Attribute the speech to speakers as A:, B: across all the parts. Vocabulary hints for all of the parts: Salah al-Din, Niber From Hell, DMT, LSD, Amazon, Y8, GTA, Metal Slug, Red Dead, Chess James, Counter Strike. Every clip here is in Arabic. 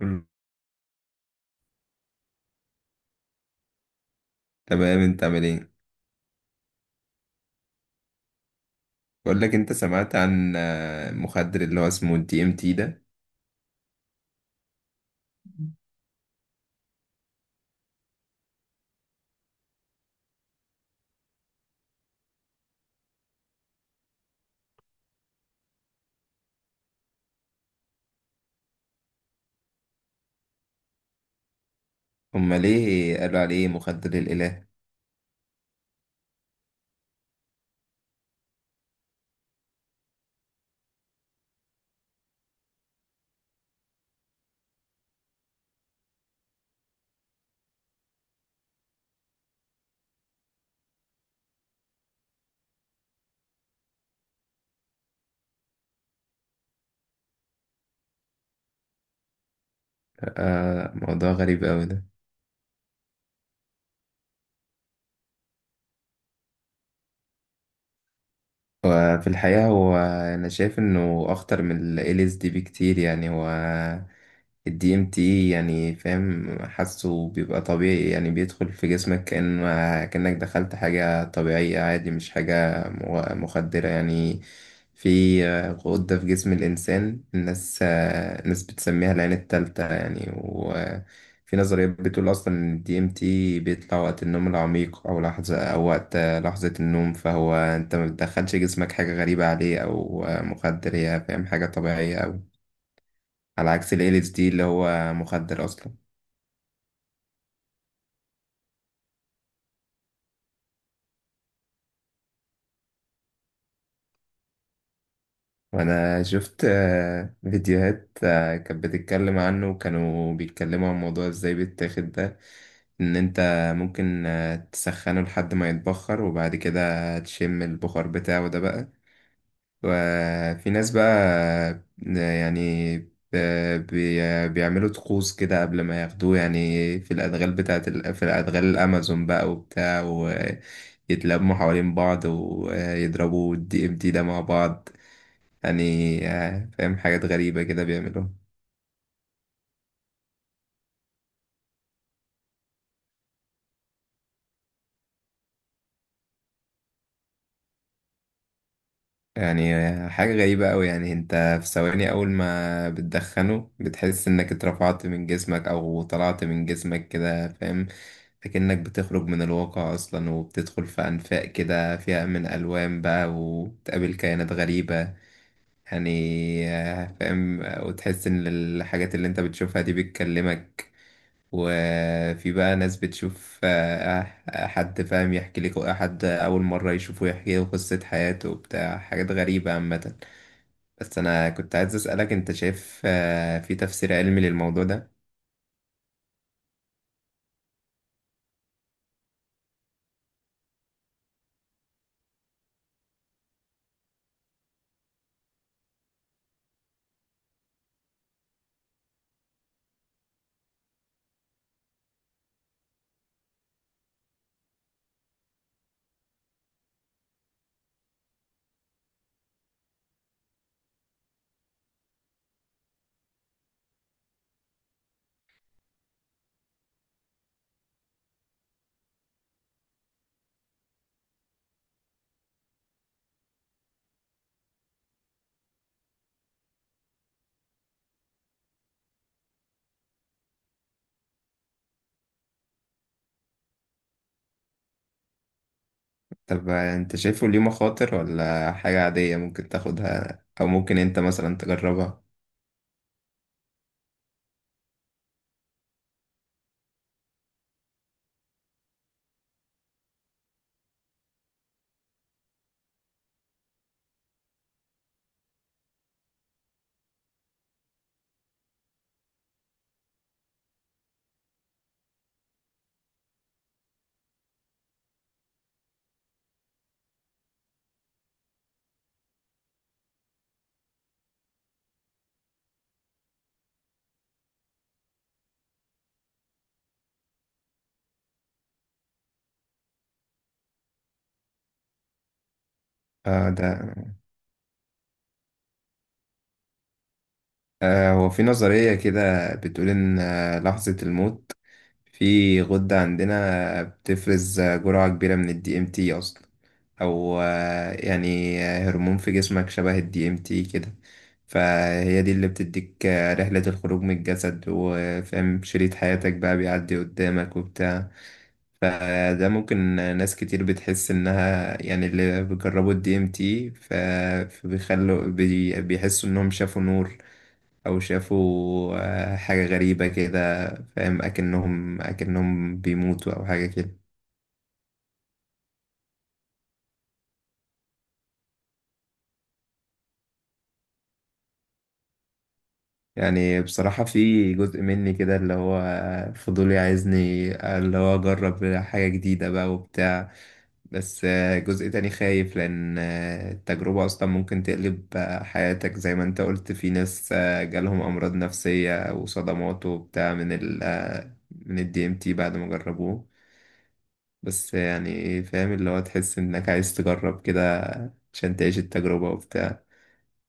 A: مم. تمام، انت عامل ايه؟ بقول لك، انت سمعت عن مخدر اللي هو اسمه الدي ام تي ده؟ هما ليه قالوا عليه مخدر الاله؟ آه، موضوع غريب قوي ده. وفي الحقيقة هو، أنا شايف إنه أخطر من ال LSD بكتير، يعني هو ال DMT، يعني فاهم، حاسه بيبقى طبيعي. يعني بيدخل في جسمك كأنك دخلت حاجة طبيعية عادي، مش حاجة مخدرة يعني. في غدة في جسم الإنسان، الناس بتسميها العين التالتة يعني، وفي نظريات بتقول أصلا إن ال DMT بيطلع وقت النوم العميق أو وقت لحظة النوم. فهو أنت ما بتدخلش جسمك حاجة غريبة عليه أو مخدر، هي فاهم، حاجة طبيعية أوي، على عكس ال LSD اللي هو مخدر أصلا. وأنا شفت فيديوهات كانت بتتكلم عنه، وكانوا بيتكلموا عن موضوع إزاي بيتاخد ده. إن أنت ممكن تسخنه لحد ما يتبخر، وبعد كده تشم البخار بتاعه ده بقى. وفي ناس بقى يعني بيعملوا طقوس كده قبل ما ياخدوه، يعني في الأدغال الأمازون بقى وبتاع، ويتلموا حوالين بعض ويضربوا الدي ام دي ده مع بعض. يعني فاهم، حاجات غريبة كده بيعملوها. يعني حاجة غريبة أوي، يعني أنت في ثواني أول ما بتدخنه بتحس إنك اترفعت من جسمك أو طلعت من جسمك كده، فاهم. لكنك بتخرج من الواقع أصلا، وبتدخل في أنفاق كده فيها من ألوان بقى، وبتقابل كائنات غريبة. يعني فاهم، وتحس إن الحاجات اللي أنت بتشوفها دي بتكلمك. وفي بقى ناس بتشوف حد فاهم، يحكي لك حد أول مرة يشوفه يحكي له قصة حياته وبتاع، حاجات غريبة عامة. بس انا كنت عايز اسالك، انت شايف في تفسير علمي للموضوع ده؟ طب انت شايفه ليه مخاطر ولا حاجه عاديه ممكن تاخدها او ممكن انت مثلا تجربها؟ آه ده. هو في نظرية كده بتقول إن لحظة الموت، في غدة عندنا بتفرز جرعة كبيرة من ال DMT أصلا، أو يعني هرمون في جسمك شبه ال DMT كده. فهي دي اللي بتديك رحلة الخروج من الجسد، وفاهم، شريط حياتك بقى بيعدي قدامك وبتاع. فده ممكن، ناس كتير بتحس إنها يعني اللي بيجربوا ال DMT، ف- فبيخلوا بيحسوا إنهم شافوا نور او شافوا حاجة غريبة كده، فاهم اكنهم بيموتوا او حاجة كده. يعني بصراحة في جزء مني كده، اللي هو فضولي، عايزني اللي هو اجرب حاجة جديدة بقى وبتاع. بس جزء تاني خايف، لان التجربة اصلا ممكن تقلب حياتك، زي ما انت قلت في ناس جالهم امراض نفسية وصدمات وبتاع من ال آه، من الدي ام تي بعد ما جربوه. بس يعني إيه، فاهم اللي هو تحس انك عايز تجرب كده عشان تعيش التجربة وبتاع.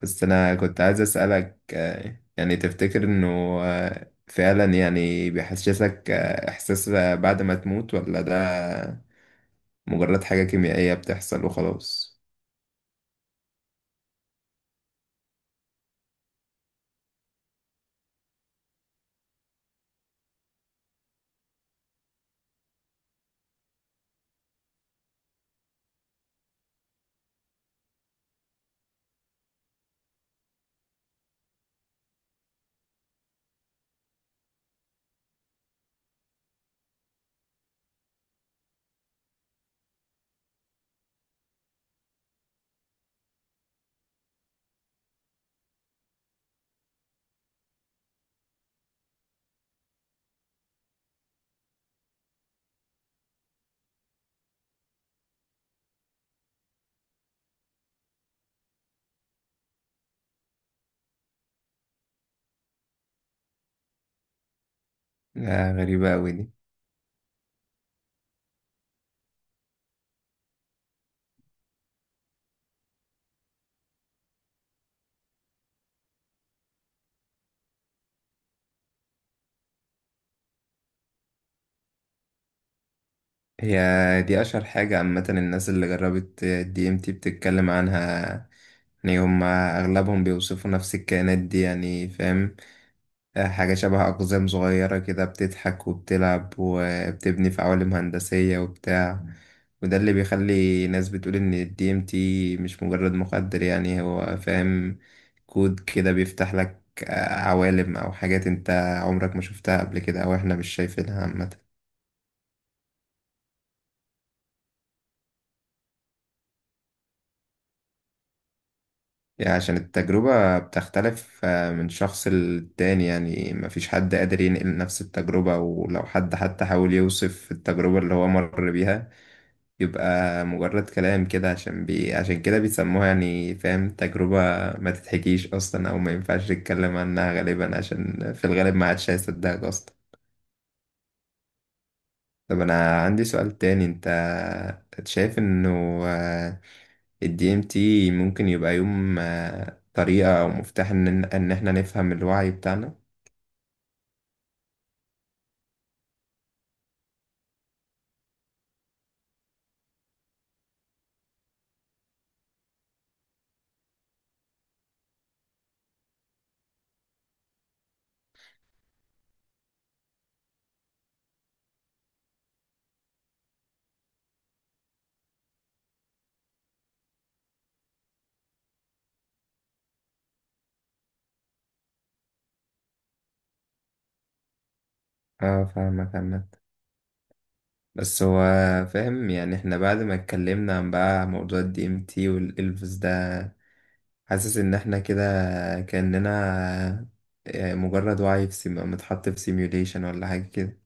A: بس انا كنت عايز اسألك، يعني تفتكر انه فعلا يعني بيحسسك احساس بعد ما تموت، ولا ده مجرد حاجة كيميائية بتحصل وخلاص؟ غريبة اوي دي. هي دي اشهر حاجة عامة، الناس اللي جربت الدي ام تي بتتكلم عنها، يعني هما اغلبهم بيوصفوا نفس الكائنات دي، يعني فاهم، حاجة شبه أقزام صغيرة كده بتضحك وبتلعب وبتبني في عوالم هندسية وبتاع. وده اللي بيخلي ناس بتقول إن ال DMT مش مجرد مخدر يعني، هو فاهم كود كده بيفتح لك عوالم أو حاجات أنت عمرك ما شفتها قبل كده، أو إحنا مش شايفينها عامة. يعني عشان التجربة بتختلف من شخص للتاني، يعني مفيش حد قادر ينقل نفس التجربة، ولو حد حتى حاول يوصف التجربة اللي هو مر بيها يبقى مجرد كلام كده، عشان كده بيسموها يعني فاهم، تجربة ما تتحكيش أصلا أو ما ينفعش تتكلم عنها غالبا، عشان في الغالب ما عادش هيصدقك أصلا. طب أنا عندي سؤال تاني، أنت شايف إنه الدي ام تي ممكن يبقى يوم طريقة أو مفتاح إن إحنا نفهم الوعي بتاعنا؟ اه، فاهمك عامة، بس هو فاهم يعني احنا بعد ما اتكلمنا عن بقى موضوع الدي ام تي والالفز ده، حاسس ان احنا كده كأننا مجرد وعي في متحط في سيميوليشن ولا حاجة كده.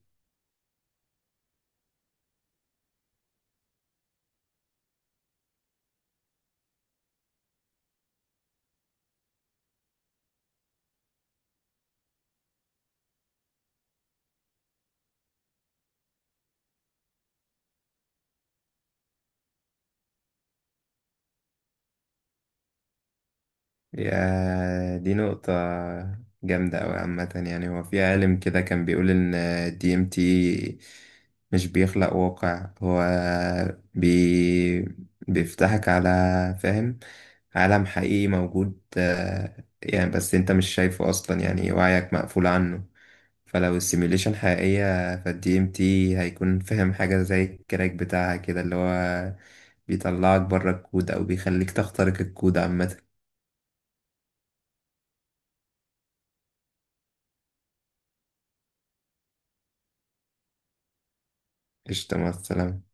A: يا دي نقطة جامدة أوي عامة، يعني هو في عالم كده كان بيقول إن الدي ام تي مش بيخلق واقع، هو بي... بيفتحك على، فاهم، عالم حقيقي موجود يعني، بس انت مش شايفه أصلا، يعني وعيك مقفول عنه. فلو السيميوليشن حقيقية، فالدي ام تي هيكون فاهم حاجة زي الكراك بتاعها كده، اللي هو بيطلعك بره الكود أو بيخليك تخترق الكود عامة. قشطة، مع السلامة.